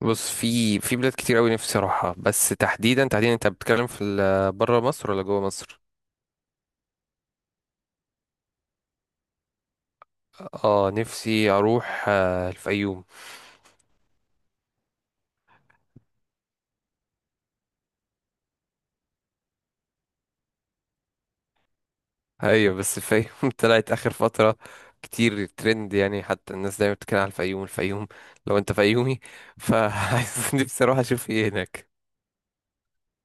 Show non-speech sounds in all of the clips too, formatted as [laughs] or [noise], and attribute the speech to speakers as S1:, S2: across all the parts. S1: بص، في بلاد كتير قوي نفسي اروحها. بس تحديدا تحديدا، انت بتتكلم في بره مصر ولا جوه مصر؟ اه، نفسي اروح الفيوم. [laughs] ايوه، بس الفيوم [laughs] طلعت اخر فتره كتير ترند، يعني حتى الناس دايما بتتكلم على الفيوم الفيوم لو انت فيومي، فعايز [laughs] نفسي اروح اشوف ايه هناك.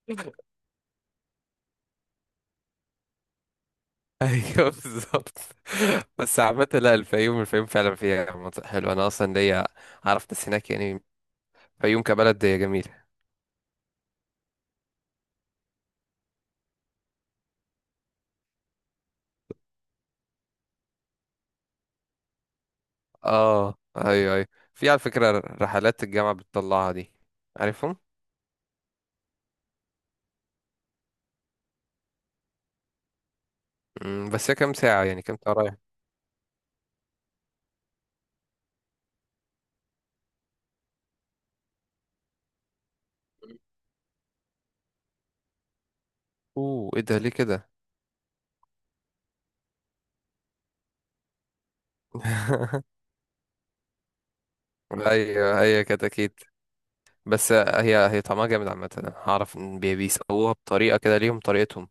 S1: [laughs] ايوه، بالظبط. بس عامة، لا، الفيوم الفيوم فعلا فيها مناطق حلوة، انا اصلا ليا اعرف ناس هناك يعني، الفيوم كبلد جميل. اه، ايوه، ايوه. في، على فكرة، رحلات الجامعة بتطلعها دي، عارفهم. بس هي كام ساعة، يعني كام ساعة رايح؟ اوه، ايه ده، ليه كده؟ [laughs] ايوه، هي كده اكيد. بس هي طعمها جامد عامة، انا هعرف ان بيسووها بطريقة كده، ليهم طريقتهم.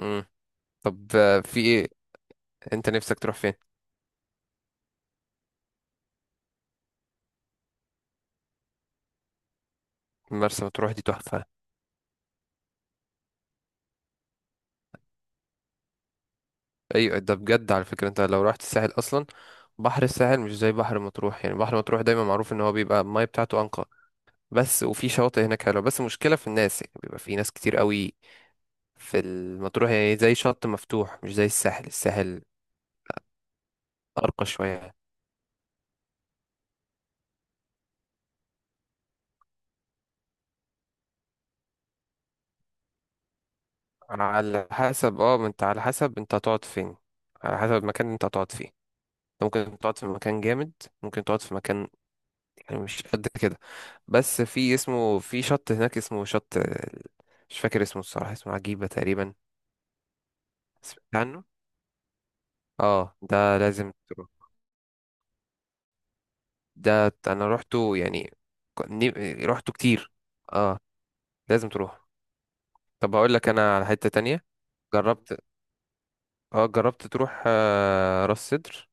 S1: مم. طب، في ايه؟ انت نفسك تروح فين؟ مرسى مطروح دي تحفة. ايوه، ده بجد، على فكرة، انت لو رحت الساحل اصلا، بحر الساحل مش زي بحر مطروح. يعني بحر مطروح دايما معروف ان هو بيبقى المية بتاعته انقى. بس وفي شواطئ هناك حلوة، بس مشكلة في الناس يعني، بيبقى في ناس كتير قوي في المطروح، يعني زي شط مفتوح، مش زي الساحل الساحل. أرقى شوية. على حسب، ما انت على حسب، انت هتقعد فين، على حسب المكان اللي انت هتقعد فيه. انت ممكن تقعد في مكان جامد، ممكن تقعد في مكان يعني مش قد كده. بس في، اسمه، في شط هناك اسمه شط. مش فاكر اسمه الصراحة، اسمه عجيبة تقريبا. سمعت عنه. اه، ده لازم تروح. ده انا روحته يعني. روحته كتير. اه، لازم تروح. طب، هقول لك انا على حتة تانية. جربت اه جربت تروح راس سدر؟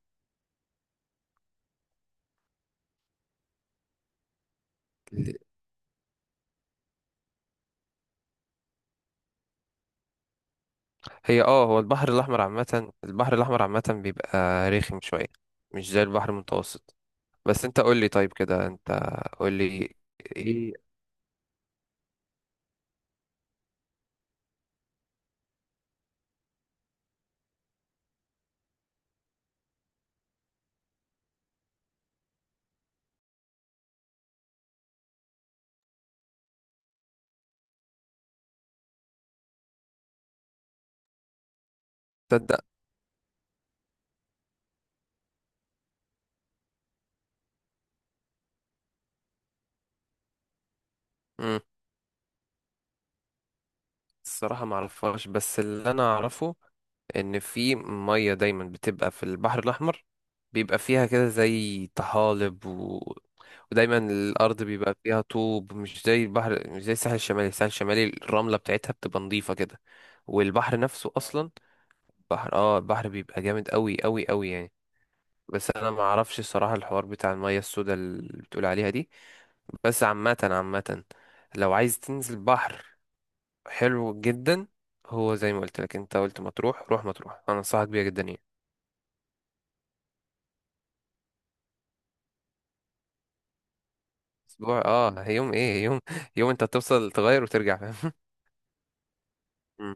S1: هي اه هو البحر الاحمر عامة، البحر الاحمر عامة بيبقى رخم شوية، مش زي البحر المتوسط. بس انت قول لي طيب كده، انت قول لي ايه. تصدق؟ مم. الصراحة ما اعرفهاش، بس اللي انا اعرفه ان في ميه دايما بتبقى في البحر الاحمر، بيبقى فيها كده زي طحالب ودايما الارض بيبقى فيها طوب، مش زي البحر، مش زي الساحل الشمالي، الساحل الشمالي الرمله بتاعتها بتبقى نظيفه كده. والبحر نفسه اصلا، بحر اه البحر بيبقى جامد قوي قوي قوي يعني. بس انا ما اعرفش الصراحه الحوار بتاع الميه السوداء اللي بتقول عليها دي. بس عامه عامه، لو عايز تنزل بحر حلو جدا، هو زي ما قلت لك، انت قلت مطروح، روح مطروح، انا انصحك بيها جدا يعني. اسبوع، يوم ايه، يوم. يوم انت هتوصل تغير وترجع، فاهم؟ مم.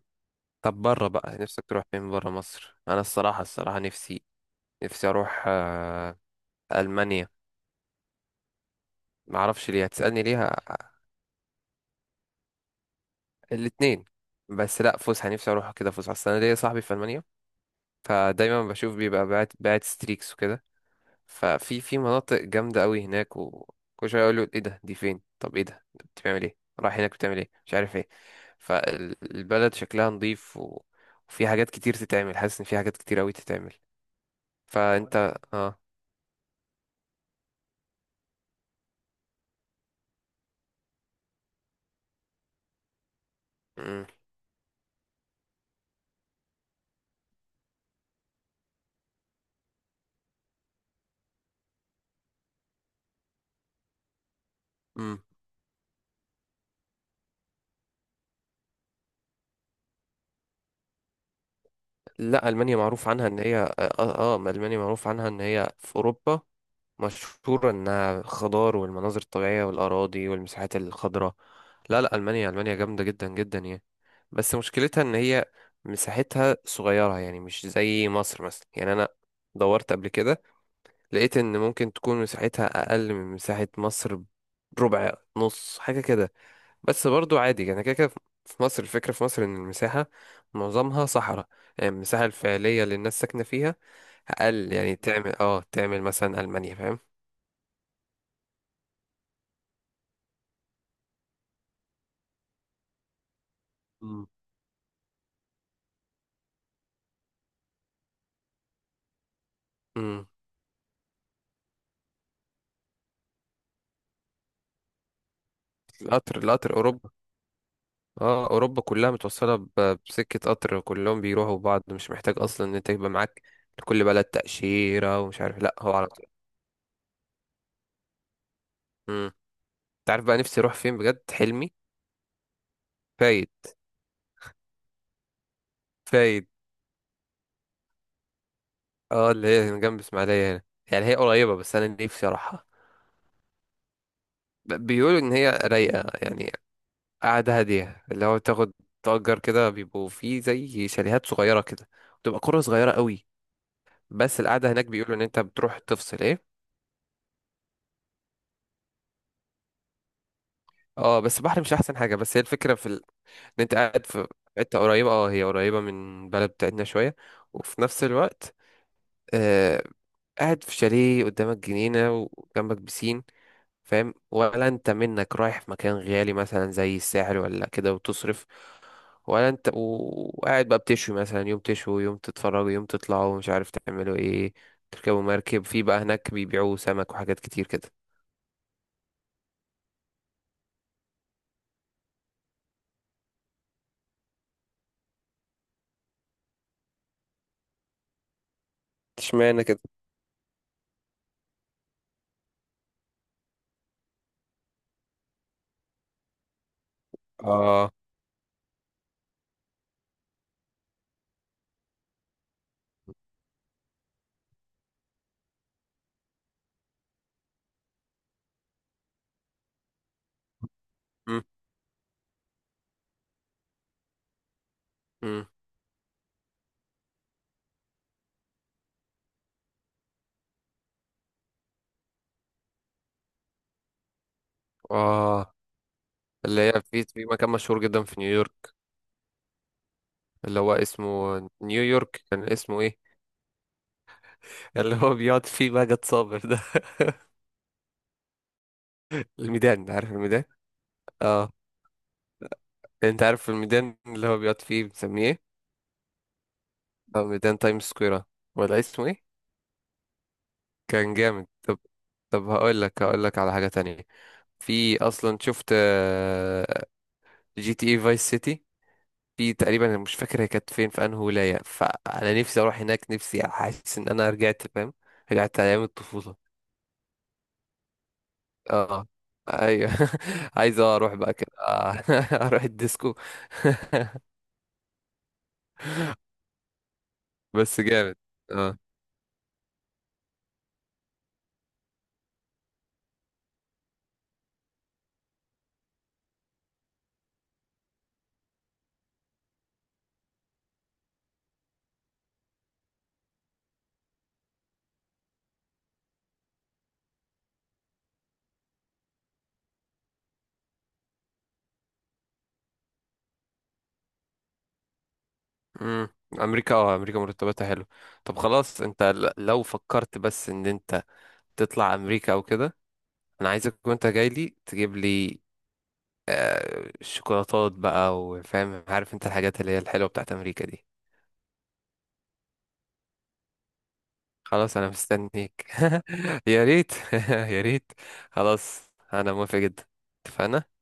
S1: طب، بره بقى نفسك تروح فين؟ بره مصر انا الصراحه الصراحه نفسي، نفسي اروح المانيا. ما اعرفش ليه، هتسالني ليه. الاتنين. بس لا، فسحه، نفسي اروح كده فسحه، اصل انا ليا صاحبي في المانيا. فدايما بشوف بيبقى باعت ستريكس وكده. ففي مناطق جامدة قوي هناك، وكل شوية يقولوا ايه ده، دي فين، طب ايه ده، أنت بتعمل ايه، رايح هناك بتعمل ايه، مش عارف ايه. فالبلد شكلها نظيف وفي حاجات كتير تتعمل، حاسس ان في حاجات كتير قوي تتعمل، فانت اه مم. مم. لا، المانيا معروف عنها ان هي المانيا معروف عنها ان هي في اوروبا، مشهورة إنها خضار والمناظر الطبيعية والأراضي والمساحات الخضراء. لا، لا، ألمانيا ألمانيا جامدة جدا جدا يعني. بس مشكلتها إن هي مساحتها صغيرة، يعني مش زي مصر مثلا. يعني أنا دورت قبل كده، لقيت إن ممكن تكون مساحتها أقل من مساحة مصر، ربع نص حاجة كده. بس برضو عادي يعني كده كده. في مصر الفكرة، في مصر إن المساحة معظمها صحراء، يعني المساحة الفعلية اللي الناس ساكنة فيها أقل، يعني تعمل مثلا ألمانيا. فاهم؟ امم القطر القطر اوروبا، اه اوروبا كلها متوصله بسكه قطر، كلهم بيروحوا بعض، مش محتاج اصلا ان انت يبقى معاك لكل بلد تاشيره ومش عارف، لا هو على طول. امم انت عارف بقى نفسي اروح فين بجد؟ حلمي، فايد فايد. اه، اللي هي هنا جنب اسماعيليه هنا، يعني هي قريبه بس انا نفسي اروحها. بيقولوا ان هي رايقه يعني، قاعده هاديه، اللي هو تاخد تأجر كده، بيبقوا فيه زي شاليهات صغيره كده، بتبقى قرى صغيره قوي. بس القعده هناك بيقولوا ان انت بتروح تفصل ايه. اه، بس البحر مش احسن حاجه، بس هي الفكره في ان انت قاعد في حته قريبه، هي قريبه من بلد بتاعتنا شويه، وفي نفس الوقت، آه قاعد في شاليه قدامك جنينه، وجنبك بسين، فاهم؟ ولا انت منك رايح في مكان غالي مثلا زي الساحل ولا كده وتصرف، ولا انت وقاعد بقى بتشوي، مثلا يوم تشوي، يوم تتفرجوا، يوم تطلعوا مش عارف تعملوا ايه، تركبوا مركب، في بقى هناك بيبيعوا سمك وحاجات كتير كده. اشمعنى كده؟ اه. مم. مم. اه، اللي هي في مكان مشهور جدا في نيويورك، اللي هو اسمه نيويورك، كان اسمه ايه؟ [laughs] اللي هو بيقعد فيه ماجد صابر ده. [laughs] الميدان، عارف الميدان؟ اه، انت عارف الميدان اللي هو بيقعد فيه بنسميه ايه؟ اه، ميدان تايم سكوير، ولا اسمه ايه؟ كان جامد. طب، هقول لك على حاجة تانية. في اصلا، شفت GTA فايس سيتي؟ في تقريبا أنا مش فاكر هي كانت فين، في انهي ولاية، فانا نفسي اروح هناك. نفسي احس ان انا رجعت، فاهم؟ رجعت ايام الطفولة. اه، ايوه. [laughs] عايز اروح بقى كده، [laughs] اروح الديسكو. [laughs] بس جامد اه امم امريكا مرتباتها حلو. طب خلاص، انت لو فكرت بس ان انت تطلع امريكا او كده، انا عايزك وانت جاي لي تجيب لي شوكولاتات بقى، وفاهم، عارف انت الحاجات اللي هي الحلوه بتاعت امريكا دي. خلاص انا مستنيك. [laughs] يا ريت. [laughs] يا ريت. خلاص، انا موافق جدا. اتفقنا.